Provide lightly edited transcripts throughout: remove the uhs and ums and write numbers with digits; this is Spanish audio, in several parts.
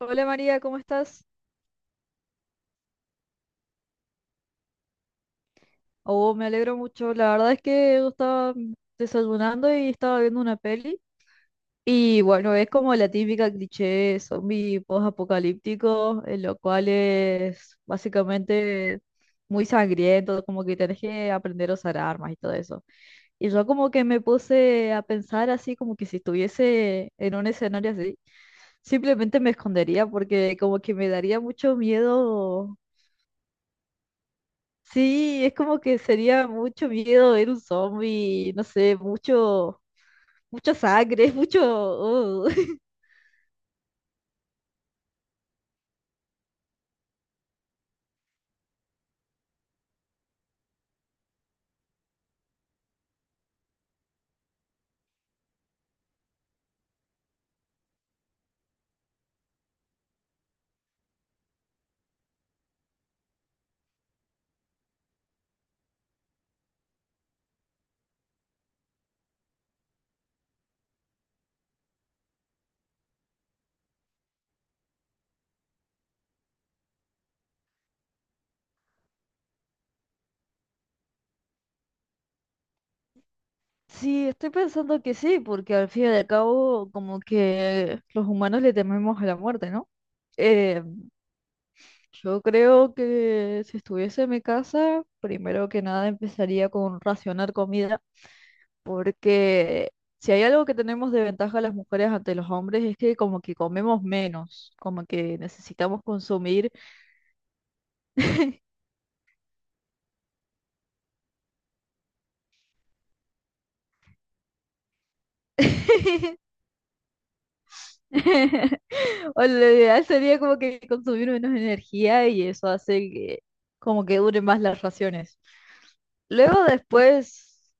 Hola María, ¿cómo estás? Oh, me alegro mucho. La verdad es que yo estaba desayunando y estaba viendo una peli. Y bueno, es como la típica cliché zombie post-apocalíptico, en lo cual es básicamente muy sangriento, como que tenés que aprender a usar armas y todo eso. Y yo como que me puse a pensar así, como que si estuviese en un escenario así, simplemente me escondería porque como que me daría mucho miedo. Sí, es como que sería mucho miedo ver un zombie, no sé, mucho, mucha sangre, mucho... Sí, estoy pensando que sí, porque al fin y al cabo como que los humanos le tememos a la muerte, ¿no? Eh, yo creo que si estuviese en mi casa, primero que nada empezaría con racionar comida, porque si hay algo que tenemos de ventaja las mujeres ante los hombres es que como que comemos menos, como que necesitamos consumir. O lo ideal sería como que consumir menos energía y eso hace que como que duren más las raciones. Luego después,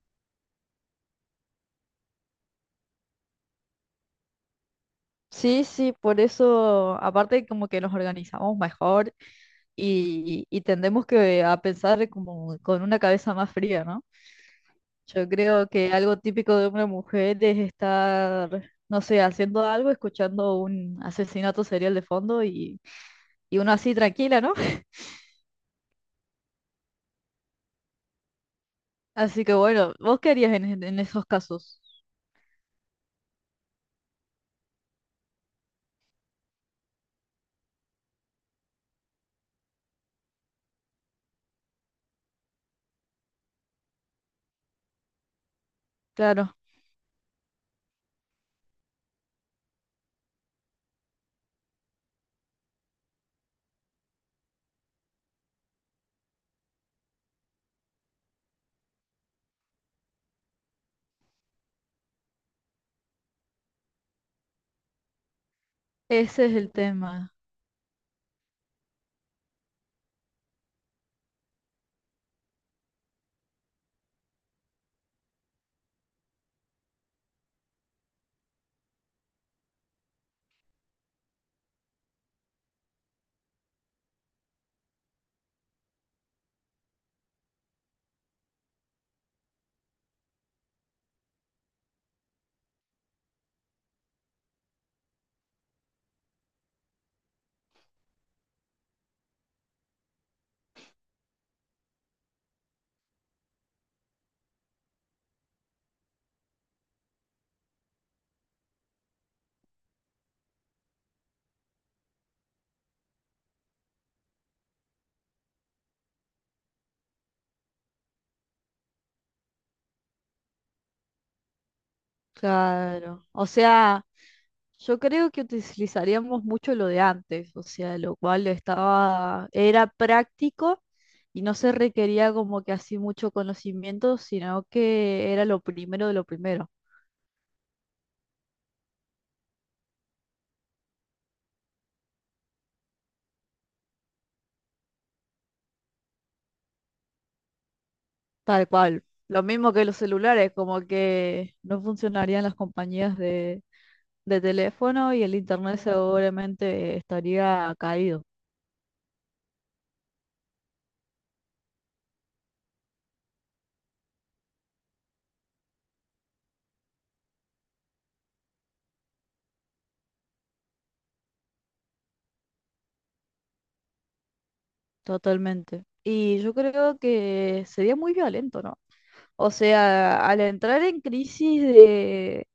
sí, sí, por eso, aparte como que nos organizamos mejor y tendemos que a pensar como con una cabeza más fría, ¿no? Yo creo que algo típico de una mujer es estar, no sé, haciendo algo, escuchando un asesinato serial de fondo y uno así tranquila, ¿no? Así que bueno, ¿vos qué harías en, en esos casos? Claro, ese es el tema, claro. O sea, yo creo que utilizaríamos mucho lo de antes, o sea, lo cual estaba, era práctico y no se requería como que así mucho conocimiento, sino que era lo primero de lo primero, tal cual. Lo mismo que los celulares, como que no funcionarían las compañías de teléfono y el internet seguramente estaría caído. Totalmente. Y yo creo que sería muy violento, ¿no? O sea, al entrar en crisis de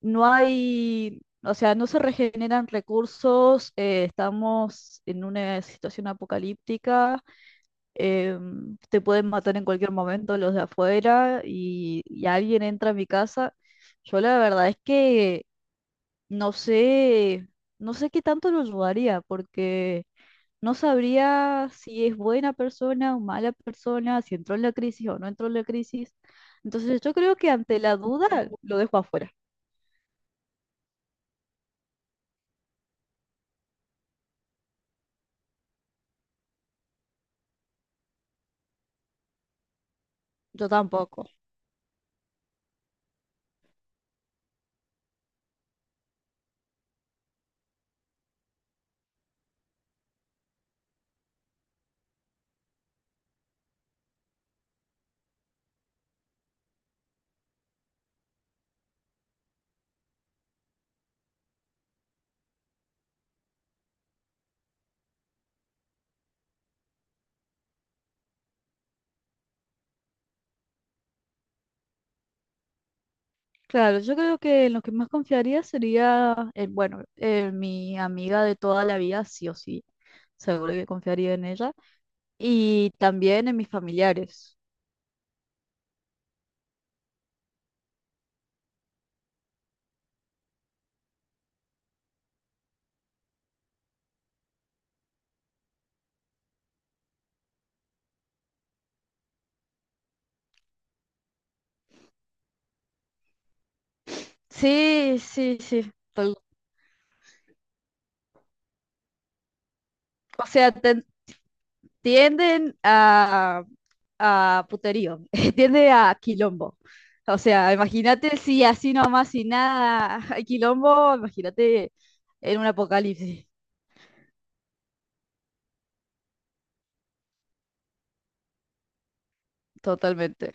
no hay, o sea, no se regeneran recursos, estamos en una situación apocalíptica, te pueden matar en cualquier momento los de afuera y alguien entra a mi casa. Yo la verdad es que no sé, no sé qué tanto lo ayudaría porque... No sabría si es buena persona o mala persona, si entró en la crisis o no entró en la crisis. Entonces yo creo que ante la duda lo dejo afuera. Yo tampoco. Claro, yo creo que en lo que más confiaría sería, en, bueno, en mi amiga de toda la vida, sí o sí. Seguro que confiaría en ella. Y también en mis familiares. Sí, sí, sí. O sea, te tienden a puterío, tiende a quilombo. O sea, imagínate si así nomás, sin nada, hay quilombo, imagínate en un apocalipsis, totalmente,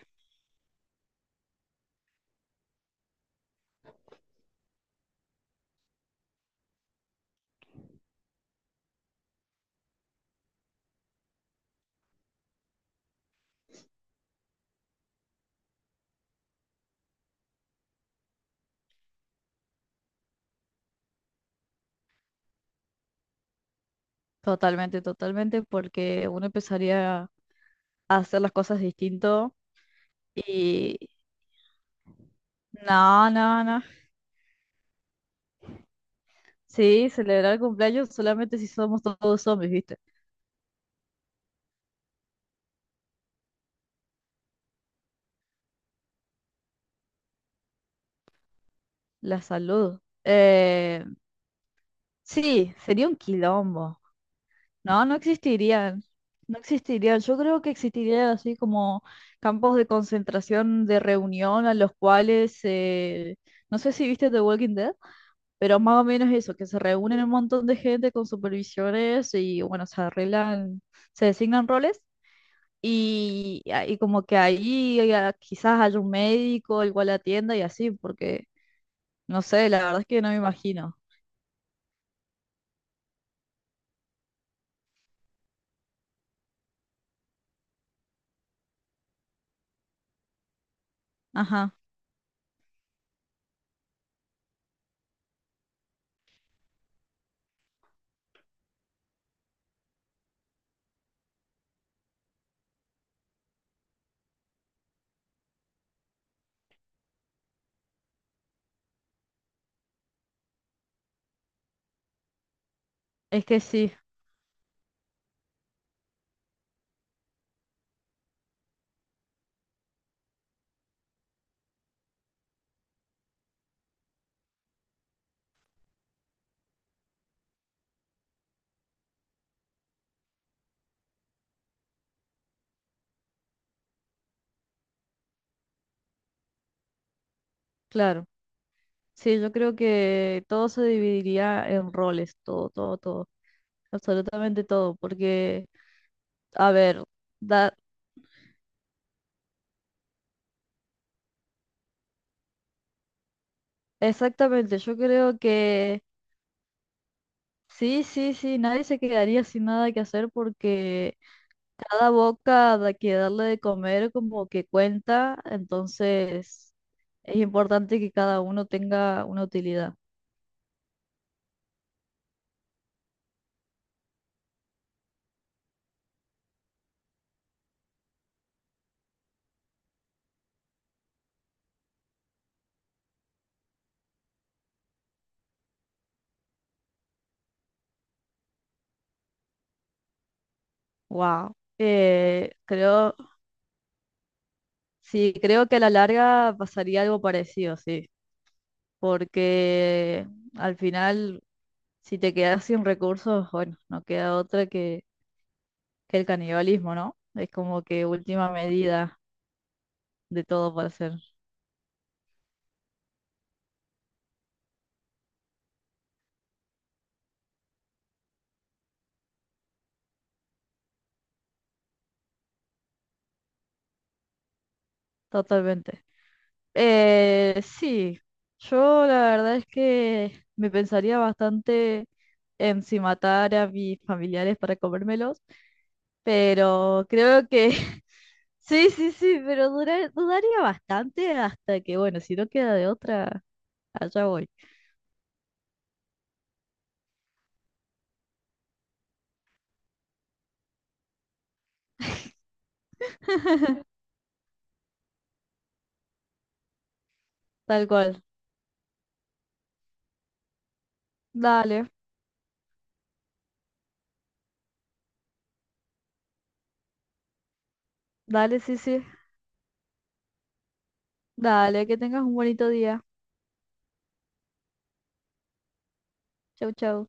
totalmente, totalmente, porque uno empezaría a hacer las cosas distinto y no, no, no. Sí, celebrar el cumpleaños solamente si somos todos zombies, ¿viste? La salud. Sí, sería un quilombo. No, no existirían. No existirían. Yo creo que existirían así como campos de concentración, de reunión a los cuales, no sé si viste The Walking Dead, pero más o menos eso, que se reúnen un montón de gente con supervisiones y bueno, se arreglan, se designan roles y como que ahí quizás haya un médico, el cual atienda y así, porque no sé, la verdad es que no me imagino. Ajá, es que sí, claro. Sí, yo creo que todo se dividiría en roles, todo, todo, todo, absolutamente todo, porque, a ver, da, exactamente, yo creo que sí, sí, sí, nadie se quedaría sin nada que hacer porque cada boca que darle de comer como que cuenta, entonces es importante que cada uno tenga una utilidad. Wow. Creo, sí, creo que a la larga pasaría algo parecido, sí. Porque al final, si te quedas sin recursos, bueno, no queda otra que el canibalismo, ¿no? Es como que última medida de todo para hacer, totalmente. Sí, yo la verdad es que me pensaría bastante en si matar a mis familiares para comérmelos, pero creo que... Sí, sí, sí, pero dudaría bastante hasta que, bueno, si no queda de otra, allá voy. Tal cual. Dale, dale, sí, sí. Dale, que tengas un bonito día. Chau, chau.